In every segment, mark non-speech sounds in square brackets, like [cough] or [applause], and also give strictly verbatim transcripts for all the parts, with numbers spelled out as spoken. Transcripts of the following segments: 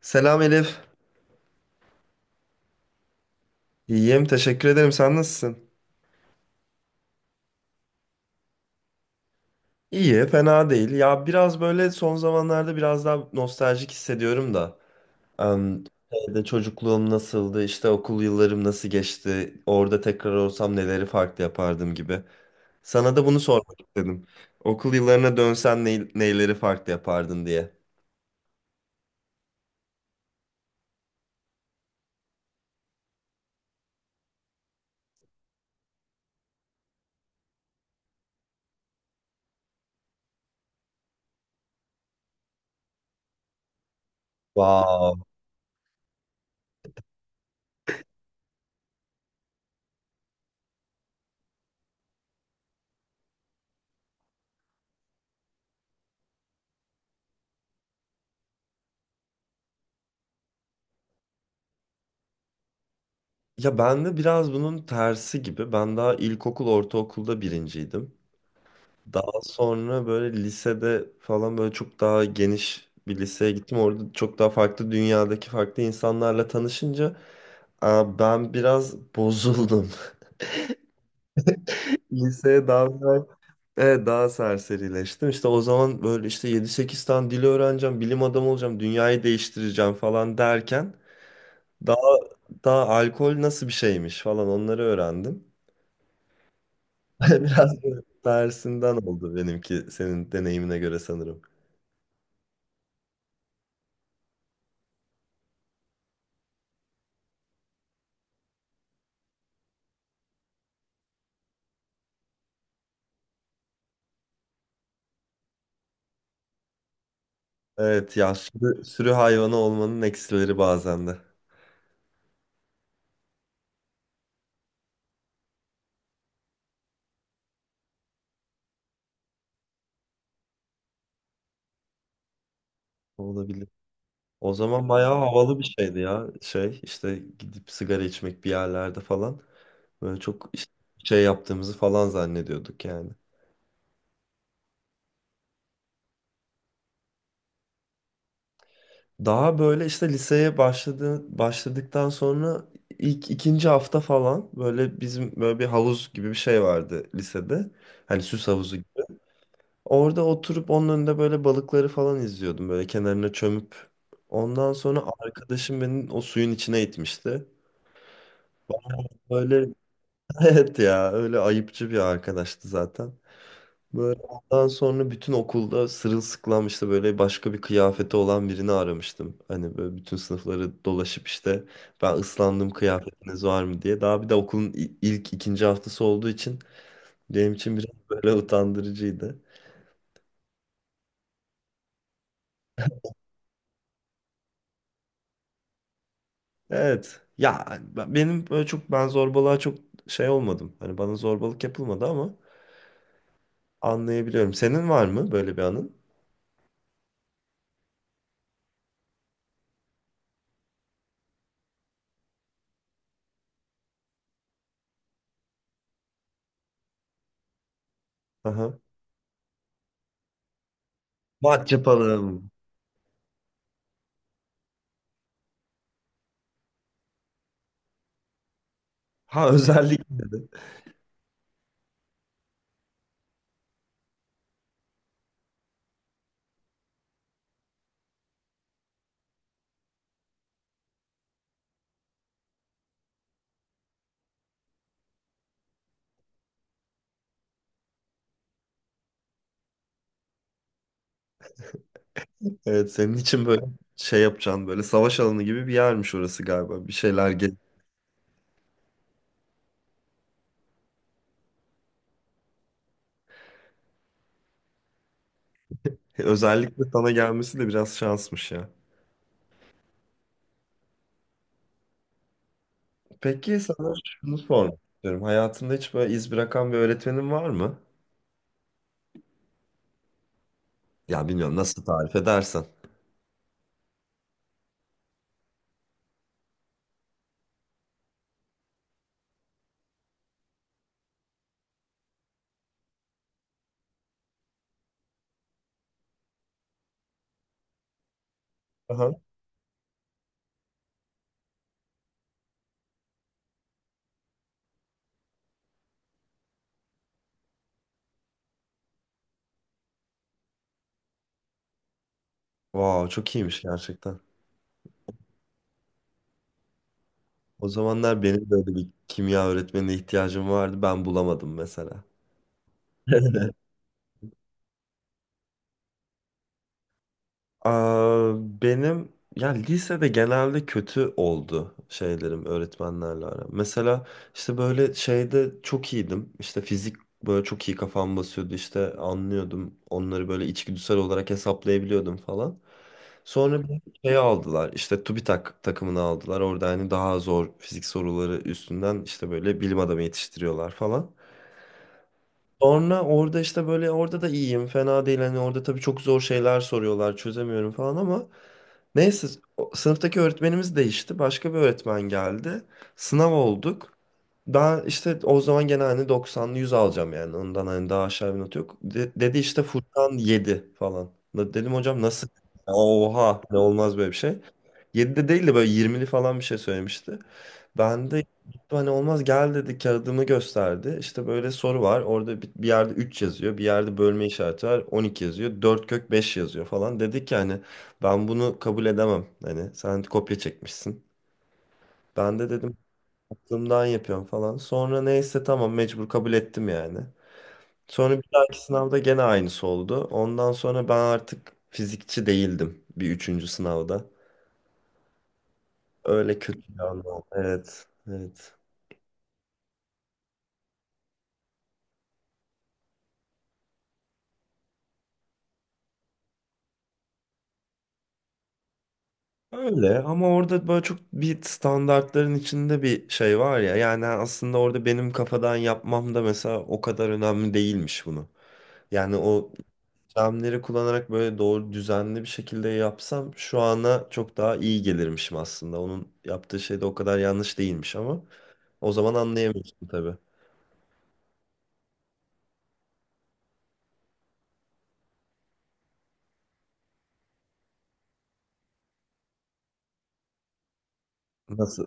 Selam Elif. İyiyim, teşekkür ederim. Sen nasılsın? İyi, fena değil. Ya biraz böyle son zamanlarda biraz daha nostaljik hissediyorum da. Em, şeyde çocukluğum nasıldı, işte okul yıllarım nasıl geçti, orada tekrar olsam neleri farklı yapardım gibi. Sana da bunu sormak istedim. Okul yıllarına dönsen ney- neyleri farklı yapardın diye. Wow. Ya ben de biraz bunun tersi gibi. Ben daha ilkokul, ortaokulda birinciydim. Daha sonra böyle lisede falan böyle çok daha geniş bir liseye gittim. Orada çok daha farklı dünyadaki farklı insanlarla tanışınca aa, ben biraz bozuldum. [laughs] Liseye daha biraz- evet, daha serserileştim. İşte o zaman böyle işte yedi sekiz tane dili öğreneceğim, bilim adamı olacağım, dünyayı değiştireceğim falan derken daha daha alkol nasıl bir şeymiş falan onları öğrendim. [laughs] Biraz böyle tersinden oldu benimki senin deneyimine göre sanırım. Evet ya sürü, sürü hayvanı olmanın eksileri bazen de olabilir. O zaman bayağı havalı bir şeydi ya. Şey işte gidip sigara içmek bir yerlerde falan. Böyle çok işte şey yaptığımızı falan zannediyorduk yani. Daha böyle işte liseye başladı, başladıktan sonra ilk ikinci hafta falan böyle bizim böyle bir havuz gibi bir şey vardı lisede. Hani süs havuzu. Orada oturup onun önünde böyle balıkları falan izliyordum. Böyle kenarına çömüp. Ondan sonra arkadaşım beni o suyun içine itmişti. Böyle [laughs] evet ya öyle ayıpçı bir arkadaştı zaten. Böyle ondan sonra bütün okulda sırılsıklam işte böyle başka bir kıyafeti olan birini aramıştım. Hani böyle bütün sınıfları dolaşıp işte ben ıslandım kıyafetiniz var mı diye. Daha bir de okulun i- ilk ikinci haftası olduğu için benim için biraz [laughs] böyle utandırıcıydı. Evet. Ya ben- benim böyle çok ben zorbalığa çok şey olmadım. Hani bana zorbalık yapılmadı ama anlayabiliyorum. Senin var mı böyle bir anın? Aha. Maç yapalım. Ha [laughs] özellikle de. Evet, senin için böyle şey yapacaksın, böyle savaş alanı gibi bir yermiş orası galiba. Bir şeyler gel. Özellikle sana gelmesi de biraz şansmış ya. Peki sana şunu sormak istiyorum. Hayatında hiç böyle iz bırakan bir öğretmenin var mı? Ya bilmiyorum, nasıl tarif edersen. Aha. Wow, çok iyiymiş gerçekten. O zamanlar benim böyle bir kimya öğretmenine ihtiyacım vardı. Ben bulamadım mesela. [laughs] Aa, benim ya lisede genelde kötü oldu şeylerim öğretmenlerle aram. Mesela işte böyle şeyde çok iyiydim. İşte fizik, böyle çok iyi kafam basıyordu, işte anlıyordum. Onları böyle içgüdüsel olarak hesaplayabiliyordum falan. Sonra bir şey aldılar, işte TÜBİTAK takımını aldılar. Orada hani daha zor fizik soruları üstünden işte böyle bilim adamı yetiştiriyorlar falan. Sonra orada işte böyle orada da iyiyim, fena değil, hani orada tabii çok zor şeyler soruyorlar, çözemiyorum falan ama neyse, o- sınıftaki öğretmenimiz değişti. Başka bir öğretmen geldi. Sınav olduk. Ben işte o zaman gene hani doksanlı yüz alacağım yani. Ondan hani daha aşağı bir not yok. De- dedi işte Furkan yedi falan. Da- Dedim hocam nasıl? Oha, ne olmaz böyle bir şey. yedide değil de böyle yirmili falan bir şey söylemişti. Ben de gittim hani olmaz, gel dedi, kağıdımı gösterdi. İşte böyle soru var. Orada bir bir yerde üç yazıyor. Bir yerde bölme işareti var. on iki yazıyor. dört kök beş yazıyor falan. Dedi ki hani ben bunu kabul edemem, hani sen kopya çekmişsin. Ben de dedim aklımdan yapıyorum falan. Sonra neyse tamam, mecbur kabul ettim yani. Sonra bir dahaki sınavda gene aynısı oldu. Ondan sonra ben artık fizikçi değildim bir üçüncü sınavda. Öyle kötü bir an oldu. Evet, evet. Öyle ama orada böyle çok bir standartların içinde bir şey var ya. Yani aslında orada benim kafadan yapmam da mesela o kadar önemli değilmiş bunu. Yani o sistemleri kullanarak böyle doğru düzenli bir şekilde yapsam şu ana çok daha iyi gelirmişim aslında. Onun yaptığı şey de o kadar yanlış değilmiş ama o zaman anlayamıyorsun tabii. Nasıl?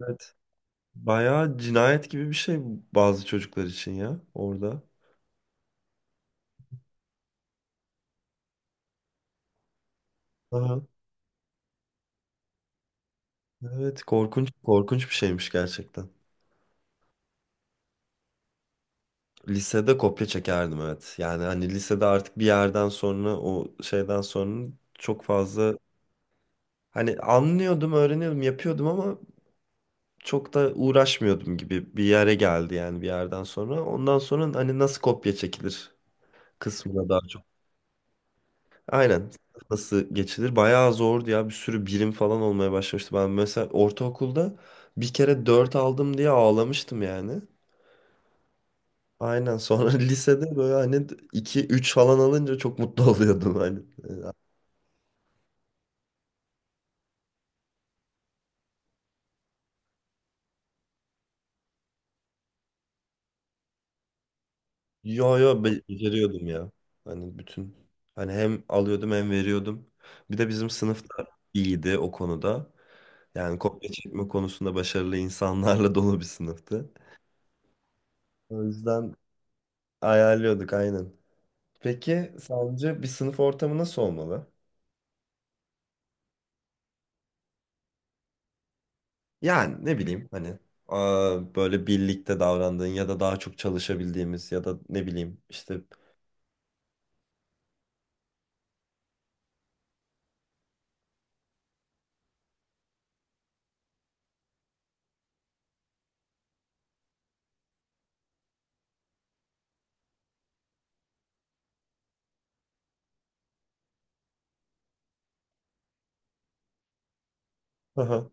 Evet. Bayağı cinayet gibi bir şey bazı çocuklar için ya orada. Aha. Evet, korkunç korkunç bir şeymiş gerçekten. Lisede kopya çekerdim evet. Yani hani lisede artık bir yerden sonra, o şeyden sonra çok fazla hani anlıyordum, öğreniyordum, yapıyordum ama çok da uğraşmıyordum gibi bir yere geldi yani bir yerden sonra. Ondan sonra hani nasıl kopya çekilir kısmına daha çok. Aynen. Nasıl geçilir? Bayağı zordu ya. Bir sürü birim falan olmaya başlamıştı. Ben mesela ortaokulda bir kere dört aldım diye ağlamıştım yani. Aynen. Sonra [laughs] lisede böyle hani iki üç falan alınca çok mutlu [laughs] oluyordum hani. Yo yo, be- beceriyordum ya. Hani bütün, hani hem alıyordum hem veriyordum. Bir de bizim sınıfta iyiydi o konuda. Yani kopya çekme konusunda başarılı insanlarla [laughs] dolu bir sınıftı. O yüzden ayarlıyorduk aynen. Peki sence bir sınıf ortamı nasıl olmalı? Yani ne bileyim hani aa, böyle birlikte davrandığın ya da daha çok çalışabildiğimiz ya da ne bileyim işte. Aha,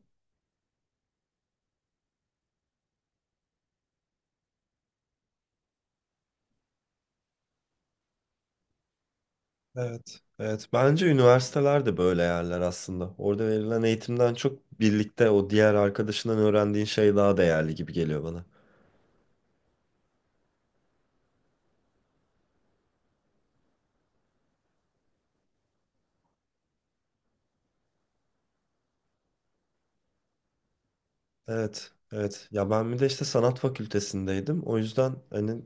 evet. Evet. Bence üniversiteler de böyle yerler aslında. Orada verilen eğitimden çok birlikte o diğer arkadaşından öğrendiğin şey daha değerli gibi geliyor bana. Evet, evet. Ya ben bir de işte sanat fakültesindeydim. O yüzden hani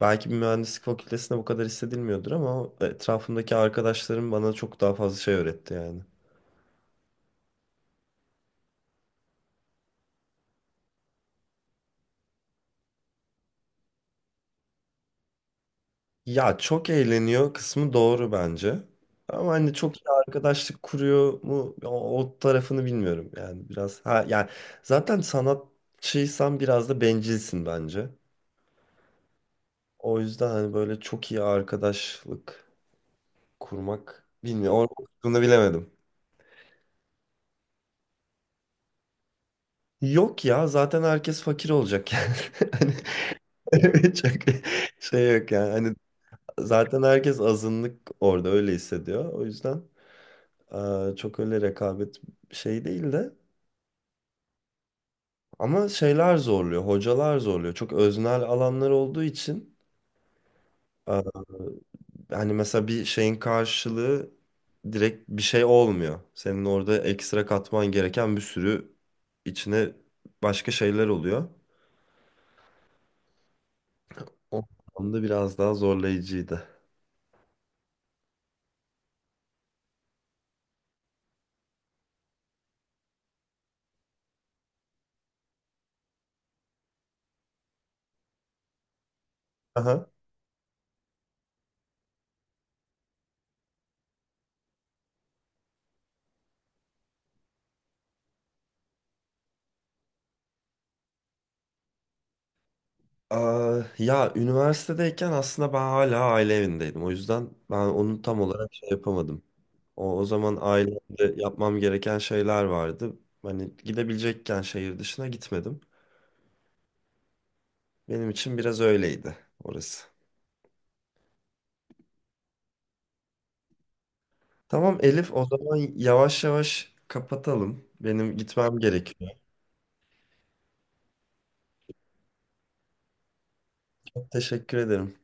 belki bir mühendislik fakültesinde bu kadar hissedilmiyordur ama o etrafımdaki arkadaşlarım bana çok daha fazla şey öğretti yani. Ya çok eğleniyor kısmı doğru bence. Ama hani çok iyi arkadaşlık kuruyor mu, o, o tarafını bilmiyorum yani biraz. Ha yani zaten sanatçıysan biraz da bencilsin bence. O yüzden hani böyle çok iyi arkadaşlık kurmak, bilmiyorum, o kısmını bilemedim. Yok ya, zaten herkes fakir olacak yani. [laughs] Hani [laughs] çok şey yok yani. Hani zaten herkes azınlık orada öyle hissediyor. O yüzden eee, çok öyle rekabet şey değil de ama şeyler zorluyor, hocalar zorluyor. Çok öznel alanlar olduğu için eee, hani mesela bir şeyin karşılığı direkt bir şey olmuyor. Senin orada ekstra katman gereken bir sürü içine başka şeyler oluyor. O anlamda biraz daha zorlayıcıydı. Aha. Aa, ya üniversitedeyken aslında ben hala aile evindeydim. O yüzden ben onu tam olarak şey yapamadım. O, o zaman ailemde yapmam gereken şeyler vardı. Hani gidebilecekken şehir dışına gitmedim. Benim için biraz öyleydi orası. Tamam Elif, o zaman yavaş yavaş kapatalım. Benim gitmem gerekiyor. Teşekkür ederim.